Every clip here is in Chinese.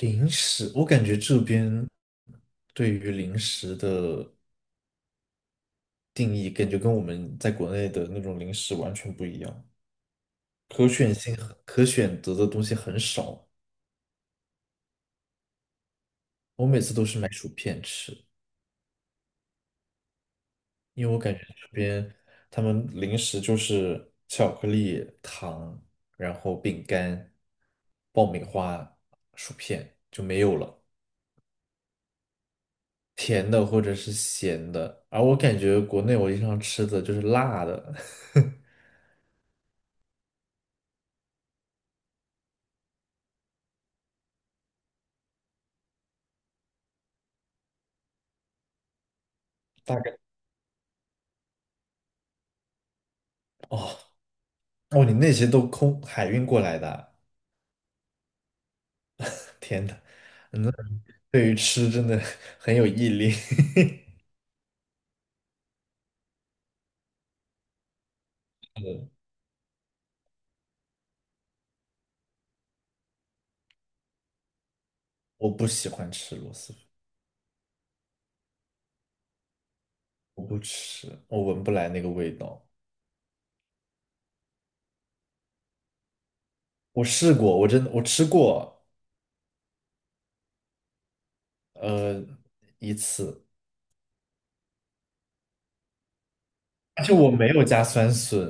零食，我感觉这边对于零食的定义，感觉跟我们在国内的那种零食完全不一样，可选择的东西很少。我每次都是买薯片吃，因为我感觉这边他们零食就是巧克力、糖，然后饼干、爆米花、薯片就没有了，甜的或者是咸的。而我感觉国内我经常吃的就是辣的。大概。哦哦，你那些都空海运过来的啊。天呐，那对于吃真的很有毅力。嗯我不喜欢吃螺蛳粉。我不吃，我闻不来那个味道。我试过，我真的，我吃过。呃，一次。而且我没有加酸笋。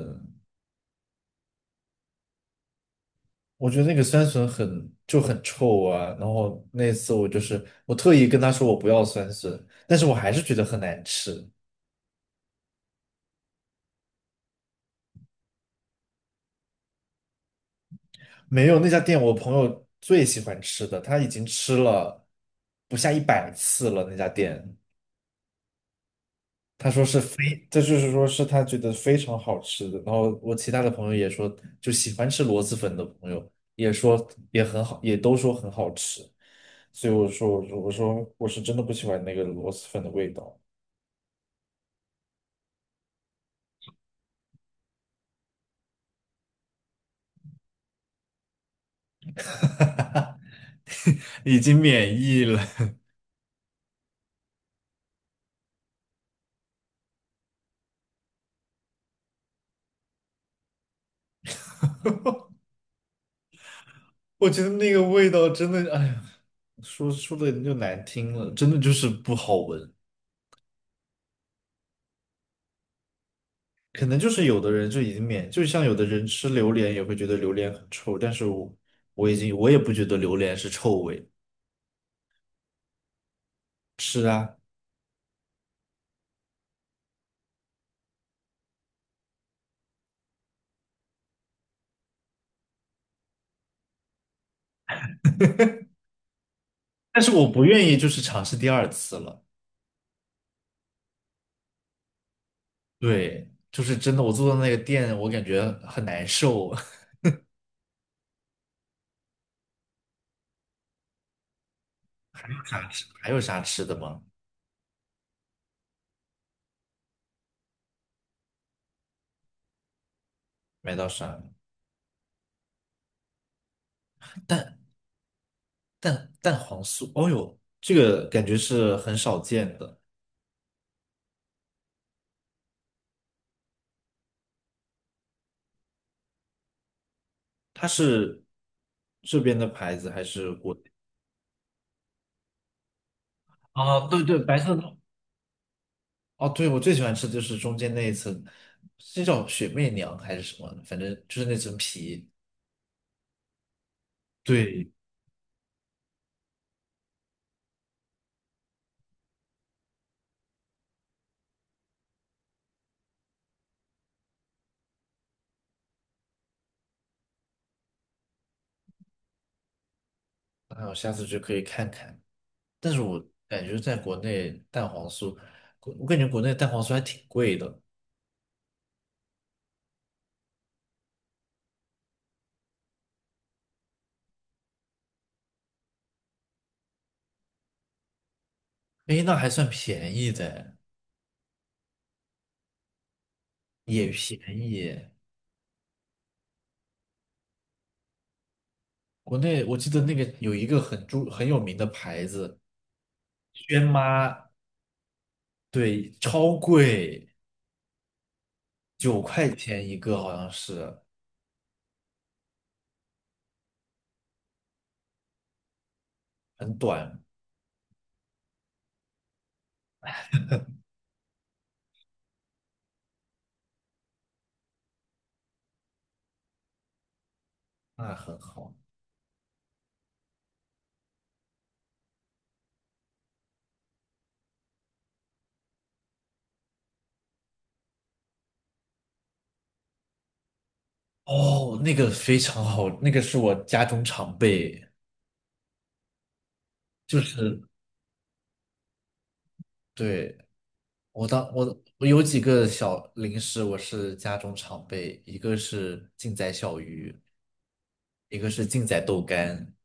我觉得那个酸笋就很臭啊。然后那次我特意跟他说我不要酸笋，但是我还是觉得很难吃。没有，那家店，我朋友最喜欢吃的，他已经吃了不下100次了。那家店，他说是非，这就是说是他觉得非常好吃的。然后我其他的朋友也说，就喜欢吃螺蛳粉的朋友也说也很好，也都说很好吃。所以我说我是真的不喜欢那个螺蛳粉的味道。已经免疫了。我觉得那个味道真的，哎呀，说说的就难听了，真的就是不好闻。可能就是有的人就已经免，就像有的人吃榴莲也会觉得榴莲很臭，但是我我已经我也不觉得榴莲是臭味。是啊。但是我不愿意就是尝试第二次了。对，就是真的，我坐到那个店，我感觉很难受。有啥吃？还有啥吃的吗？买到啥？蛋蛋黄酥，哦呦，这个感觉是很少见的。它是这边的牌子还是国内？啊，对对，白色的。哦，对，我最喜欢吃的就是中间那一层，这叫雪媚娘还是什么？反正就是那层皮。对，那我下次就可以看看。但是我感觉在国内蛋黄酥，我感觉国内蛋黄酥还挺贵的。诶，那还算便宜的，也便宜耶。国内我记得那个有一个很有名的牌子。轩妈，对，超贵，9块钱一个好像是。很短。那很好。哦，那个非常好，那个是我家中常备。就是，对，我当我我有几个小零食，我是家中常备，一个是劲仔小鱼，一个是劲仔豆干。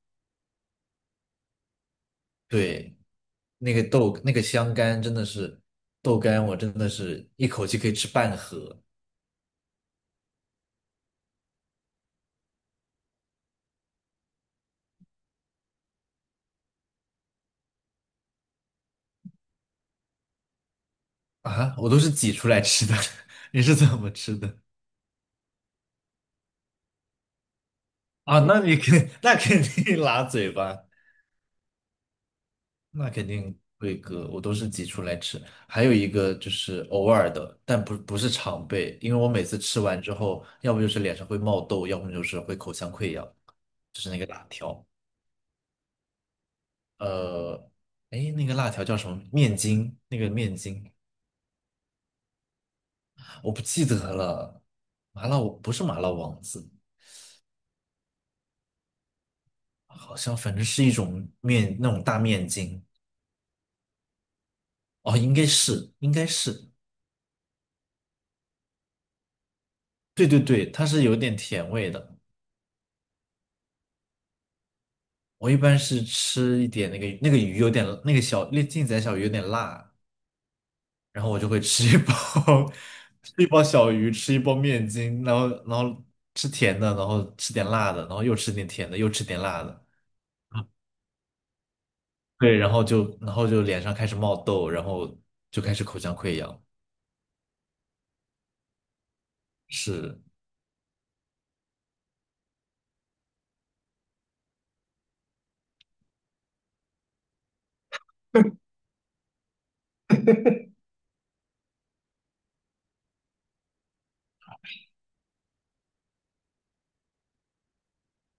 对，那个豆那个香干真的是豆干，我真的是一口气可以吃半盒啊。我都是挤出来吃的。你是怎么吃的啊？那肯定拉嘴巴。那肯定会割，我都是挤出来吃。还有一个就是偶尔的，但不是常备，因为我每次吃完之后，要不就是脸上会冒痘，要不就是会口腔溃疡，就是那个辣条。呃，哎，那个辣条叫什么？面筋，那个面筋，我不记得了。不是麻辣王子，好像反正是一种面，那种大面筋。哦，应该是，应该是。对对对，它是有点甜味的。我一般是吃一点那个鱼有点那个小那劲仔小鱼有点辣，然后我就会吃一包。 吃一包小鱼，吃一包面筋，然后吃甜的，然后吃点辣的，然后又吃点甜的，又吃点辣的。对，然后就脸上开始冒痘，然后就开始口腔溃疡。是。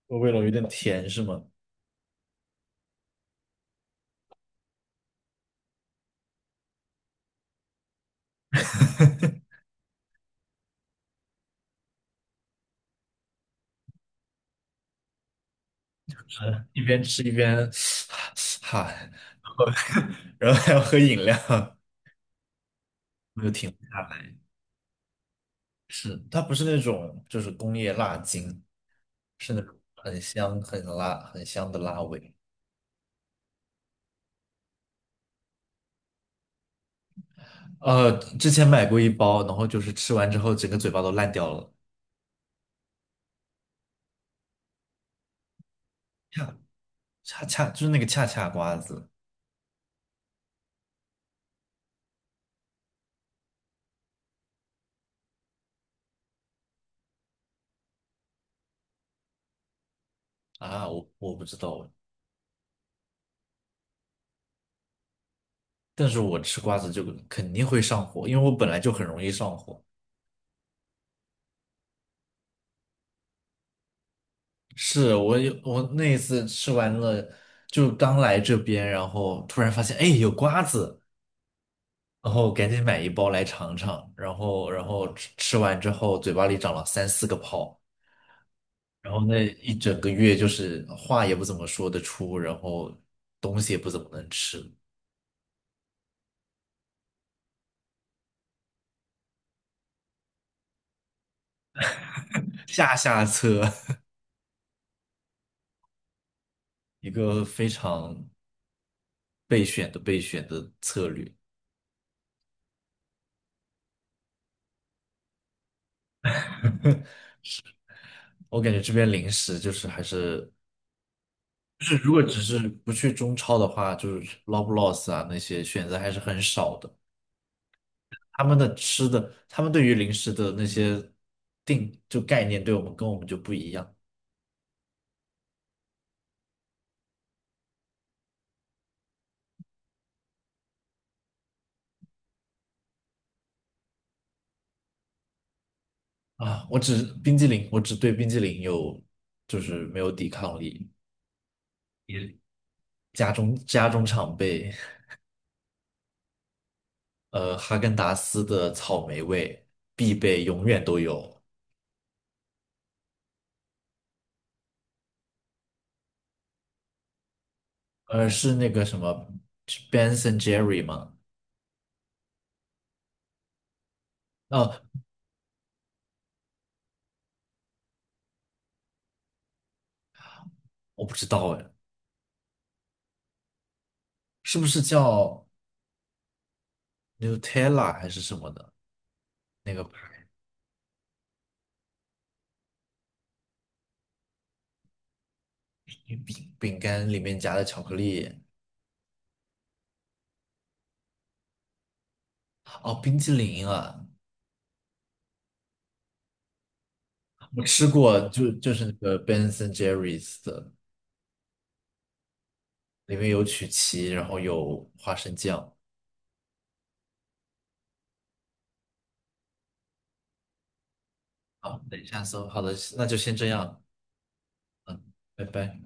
我味道有点甜是吗？是一边吃一边 哈。然后 然后还要喝饮料。是，它不是那种就是工业辣精，是那种很香、很辣、很香的辣味。呃，之前买过一包，然后就是吃完之后整个嘴巴都烂掉了。恰恰恰就是那个恰恰瓜子啊。我不知道。但是我吃瓜子就肯定会上火，因为我本来就很容易上火。是。我那一次吃完了，就刚来这边，然后突然发现，哎，有瓜子。然后赶紧买一包来尝尝，然后吃完之后嘴巴里长了三四个泡。然后那一整个月就是话也不怎么说得出，然后东西也不怎么能吃。下下策。一个非常备选的策略。我感觉这边零食还是如果只是不去中超的话，就是 Loblaws 啊那些选择还是很少的。他们的吃的，他们对于零食的那些概念，对我们跟我们就不一样啊。我只对冰激凌有，就是没有抵抗力。也家中常备。哈根达斯的草莓味必备，永远都有。是那个什么，是 Ben and Jerry 吗？啊，我不知道哎。是不是叫 Nutella 还是什么的那个 牌饼干里面夹的巧克力？哦，冰激凌啊，我吃过，就是那个 Ben a n Jerry's 的，里面有曲奇，然后有花生酱。好，等一下搜。好的，那就先这样。嗯，拜拜。